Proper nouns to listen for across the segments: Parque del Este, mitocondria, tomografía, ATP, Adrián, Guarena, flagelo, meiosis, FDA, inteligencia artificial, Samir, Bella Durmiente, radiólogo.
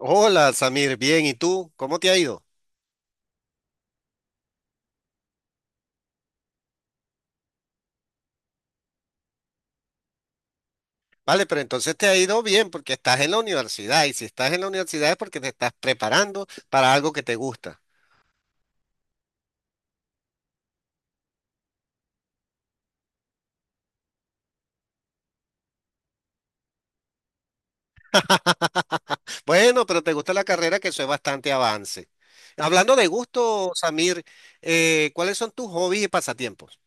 Hola, Samir, bien, ¿y tú? ¿Cómo te ha ido? Vale, pero entonces te ha ido bien porque estás en la universidad y si estás en la universidad es porque te estás preparando para algo que te gusta. Bueno, pero te gusta la carrera que eso es bastante avance. Hablando de gusto, Samir, ¿cuáles son tus hobbies y pasatiempos?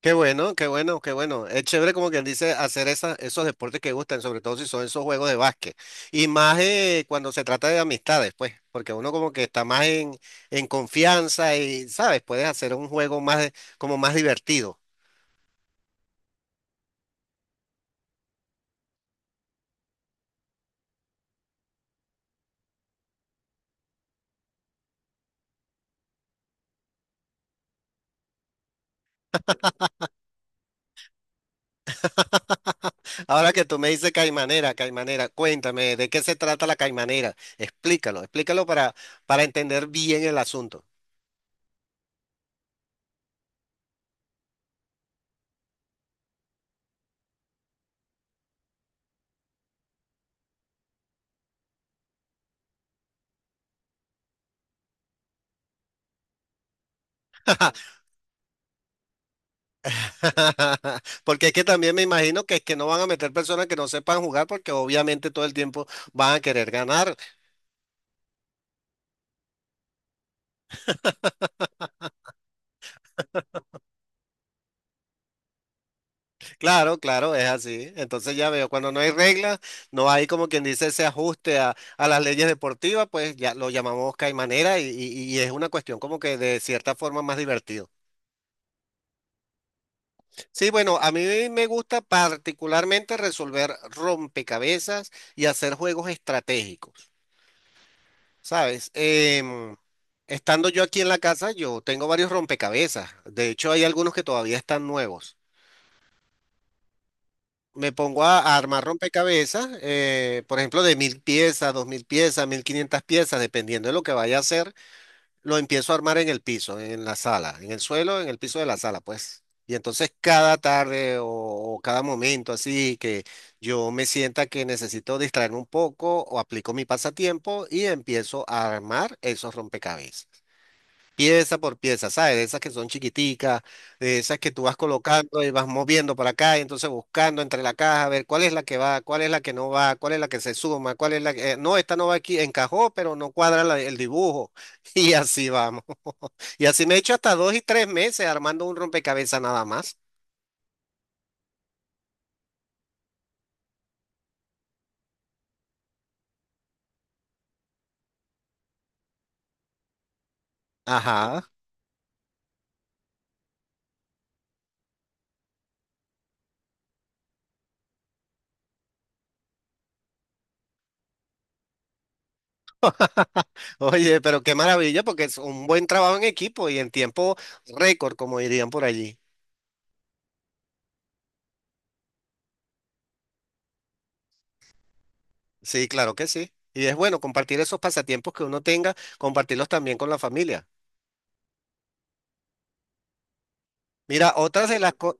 Qué bueno, qué bueno, qué bueno. Es chévere como quien dice hacer esos deportes que gustan, sobre todo si son esos juegos de básquet. Y más cuando se trata de amistades, pues, porque uno como que está más en confianza y, ¿sabes? Puedes hacer un juego más, como más divertido. Ahora que tú me dices caimanera, caimanera, cuéntame, ¿de qué se trata la caimanera? Explícalo, explícalo para entender bien el asunto. Porque es que también me imagino que es que no van a meter personas que no sepan jugar porque obviamente todo el tiempo van a querer ganar. Claro, claro, es así. Entonces ya veo, cuando no hay reglas, no hay como quien dice ese ajuste a las leyes deportivas, pues ya lo llamamos caimanera y es una cuestión como que de cierta forma más divertido. Sí, bueno, a mí me gusta particularmente resolver rompecabezas y hacer juegos estratégicos. Sabes, estando yo aquí en la casa, yo tengo varios rompecabezas. De hecho, hay algunos que todavía están nuevos. Me pongo a armar rompecabezas, por ejemplo, de 1000 piezas, 2000 piezas, 1500 piezas, dependiendo de lo que vaya a hacer, lo empiezo a armar en el piso, en la sala, en el suelo, en el piso de la sala, pues. Y entonces cada tarde o cada momento así que yo me sienta que necesito distraerme un poco o aplico mi pasatiempo y empiezo a armar esos rompecabezas. Pieza por pieza, ¿sabes? De esas que son chiquiticas, de esas que tú vas colocando y vas moviendo para acá y entonces buscando entre la caja a ver cuál es la que va, cuál es la que no va, cuál es la que se suma, cuál es la que no, esta no va aquí, encajó, pero no cuadra el dibujo. Y así vamos. Y así me he hecho hasta dos y tres meses armando un rompecabezas nada más. Ajá. Oye, pero qué maravilla porque es un buen trabajo en equipo y en tiempo récord, como dirían por allí. Sí, claro que sí. Y es bueno compartir esos pasatiempos que uno tenga, compartirlos también con la familia. Mira, otras de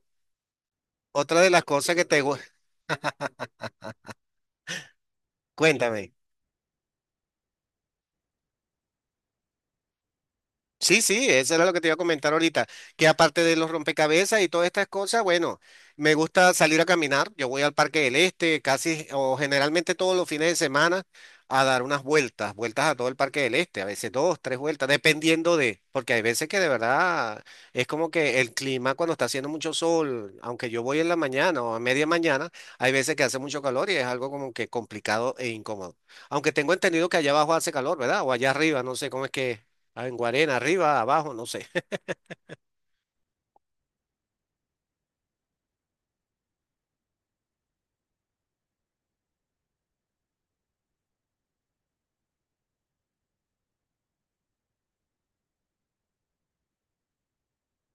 otra de las cosas que cuéntame. Sí, sí, eso era lo que te iba a comentar ahorita, que aparte de los rompecabezas y todas estas cosas, bueno, me gusta salir a caminar, yo voy al Parque del Este casi o generalmente todos los fines de semana a dar unas vueltas, vueltas a todo el Parque del Este, a veces dos, tres vueltas, dependiendo de, porque hay veces que de verdad es como que el clima cuando está haciendo mucho sol, aunque yo voy en la mañana o a media mañana, hay veces que hace mucho calor y es algo como que complicado e incómodo. Aunque tengo entendido que allá abajo hace calor, ¿verdad? O allá arriba, no sé cómo es que es. Ah, en Guarena, arriba, abajo, no sé.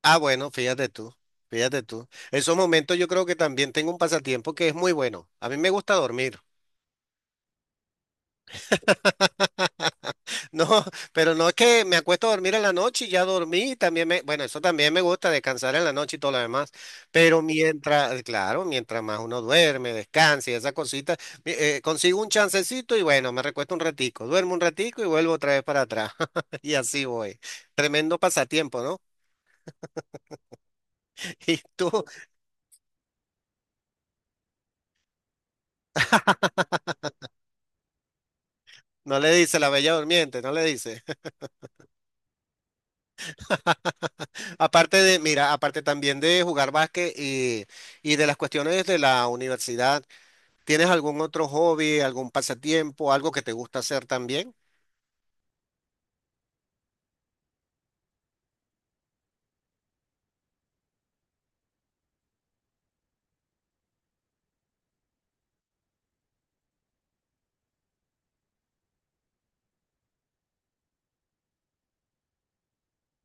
Ah, bueno, fíjate tú, fíjate tú. Esos momentos yo creo que también tengo un pasatiempo que es muy bueno. A mí me gusta dormir. No, pero no es que me acuesto a dormir en la noche y ya dormí, también me, bueno, eso también me gusta descansar en la noche y todo lo demás, pero mientras, claro, mientras más uno duerme, descansa y esas cositas, consigo un chancecito y bueno, me recuesto un ratico, duermo un ratico y vuelvo otra vez para atrás y así voy. Tremendo pasatiempo, ¿no? ¿Y tú? No le dice la Bella Durmiente, no le dice. Aparte de, mira, aparte también de jugar básquet y de las cuestiones de la universidad, ¿tienes algún otro hobby, algún pasatiempo, algo que te gusta hacer también?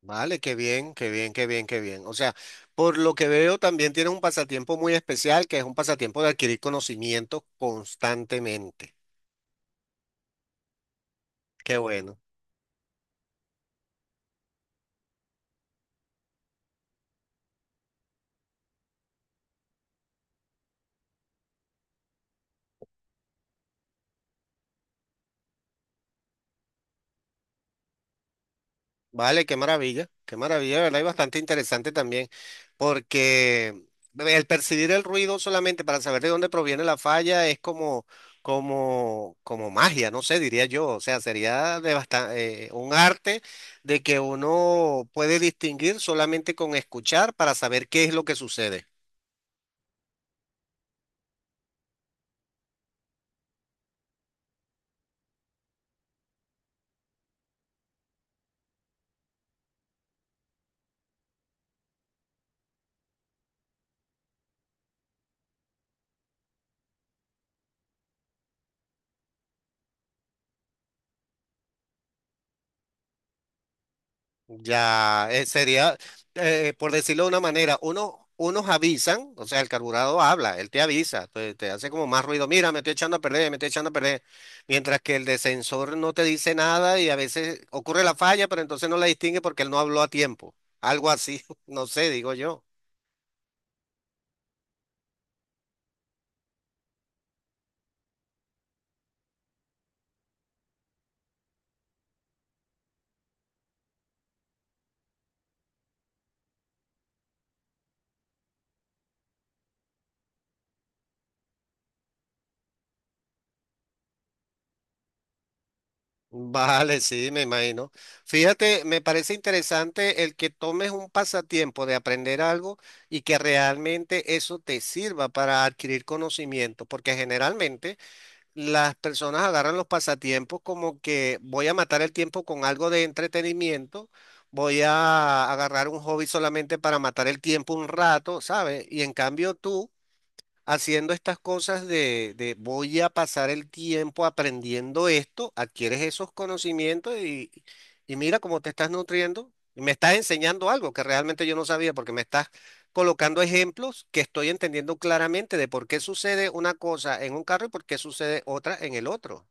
Vale, qué bien, qué bien, qué bien, qué bien. O sea, por lo que veo, también tienes un pasatiempo muy especial, que es un pasatiempo de adquirir conocimiento constantemente. Qué bueno. Vale, qué maravilla, ¿verdad? Y bastante interesante también, porque el percibir el ruido solamente para saber de dónde proviene la falla es como, como, como magia, no sé, diría yo. O sea, sería de un arte de que uno puede distinguir solamente con escuchar para saber qué es lo que sucede. Ya, sería, por decirlo de una manera, uno, unos avisan, o sea, el carburado habla, él te avisa, te hace como más ruido, mira, me estoy echando a perder, me estoy echando a perder, mientras que el de sensor no te dice nada y a veces ocurre la falla, pero entonces no la distingue porque él no habló a tiempo, algo así, no sé, digo yo. Vale, sí, me imagino. Fíjate, me parece interesante el que tomes un pasatiempo de aprender algo y que realmente eso te sirva para adquirir conocimiento, porque generalmente las personas agarran los pasatiempos como que voy a matar el tiempo con algo de entretenimiento, voy a agarrar un hobby solamente para matar el tiempo un rato, ¿sabes? Y en cambio tú haciendo estas cosas de voy a pasar el tiempo aprendiendo esto, adquieres esos conocimientos y mira cómo te estás nutriendo. Y me estás enseñando algo que realmente yo no sabía porque me estás colocando ejemplos que estoy entendiendo claramente de por qué sucede una cosa en un carro y por qué sucede otra en el otro.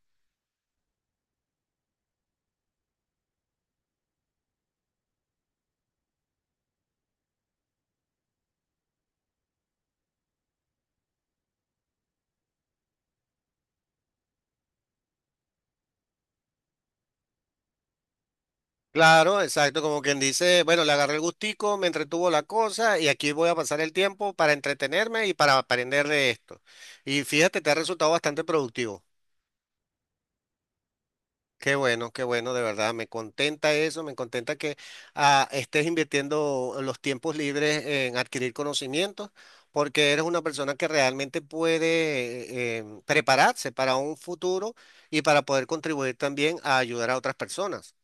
Claro, exacto, como quien dice, bueno, le agarré el gustico, me entretuvo la cosa y aquí voy a pasar el tiempo para entretenerme y para aprender de esto. Y fíjate, te ha resultado bastante productivo. Qué bueno, de verdad, me contenta eso, me contenta que estés invirtiendo los tiempos libres en adquirir conocimientos, porque eres una persona que realmente puede prepararse para un futuro y para poder contribuir también a ayudar a otras personas.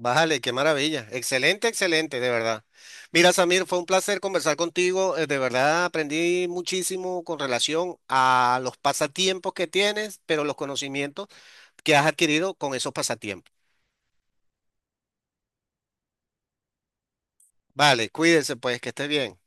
Vale, qué maravilla, excelente, excelente, de verdad. Mira, Samir, fue un placer conversar contigo, de verdad aprendí muchísimo con relación a los pasatiempos que tienes, pero los conocimientos que has adquirido con esos pasatiempos. Vale, cuídense pues, que esté bien.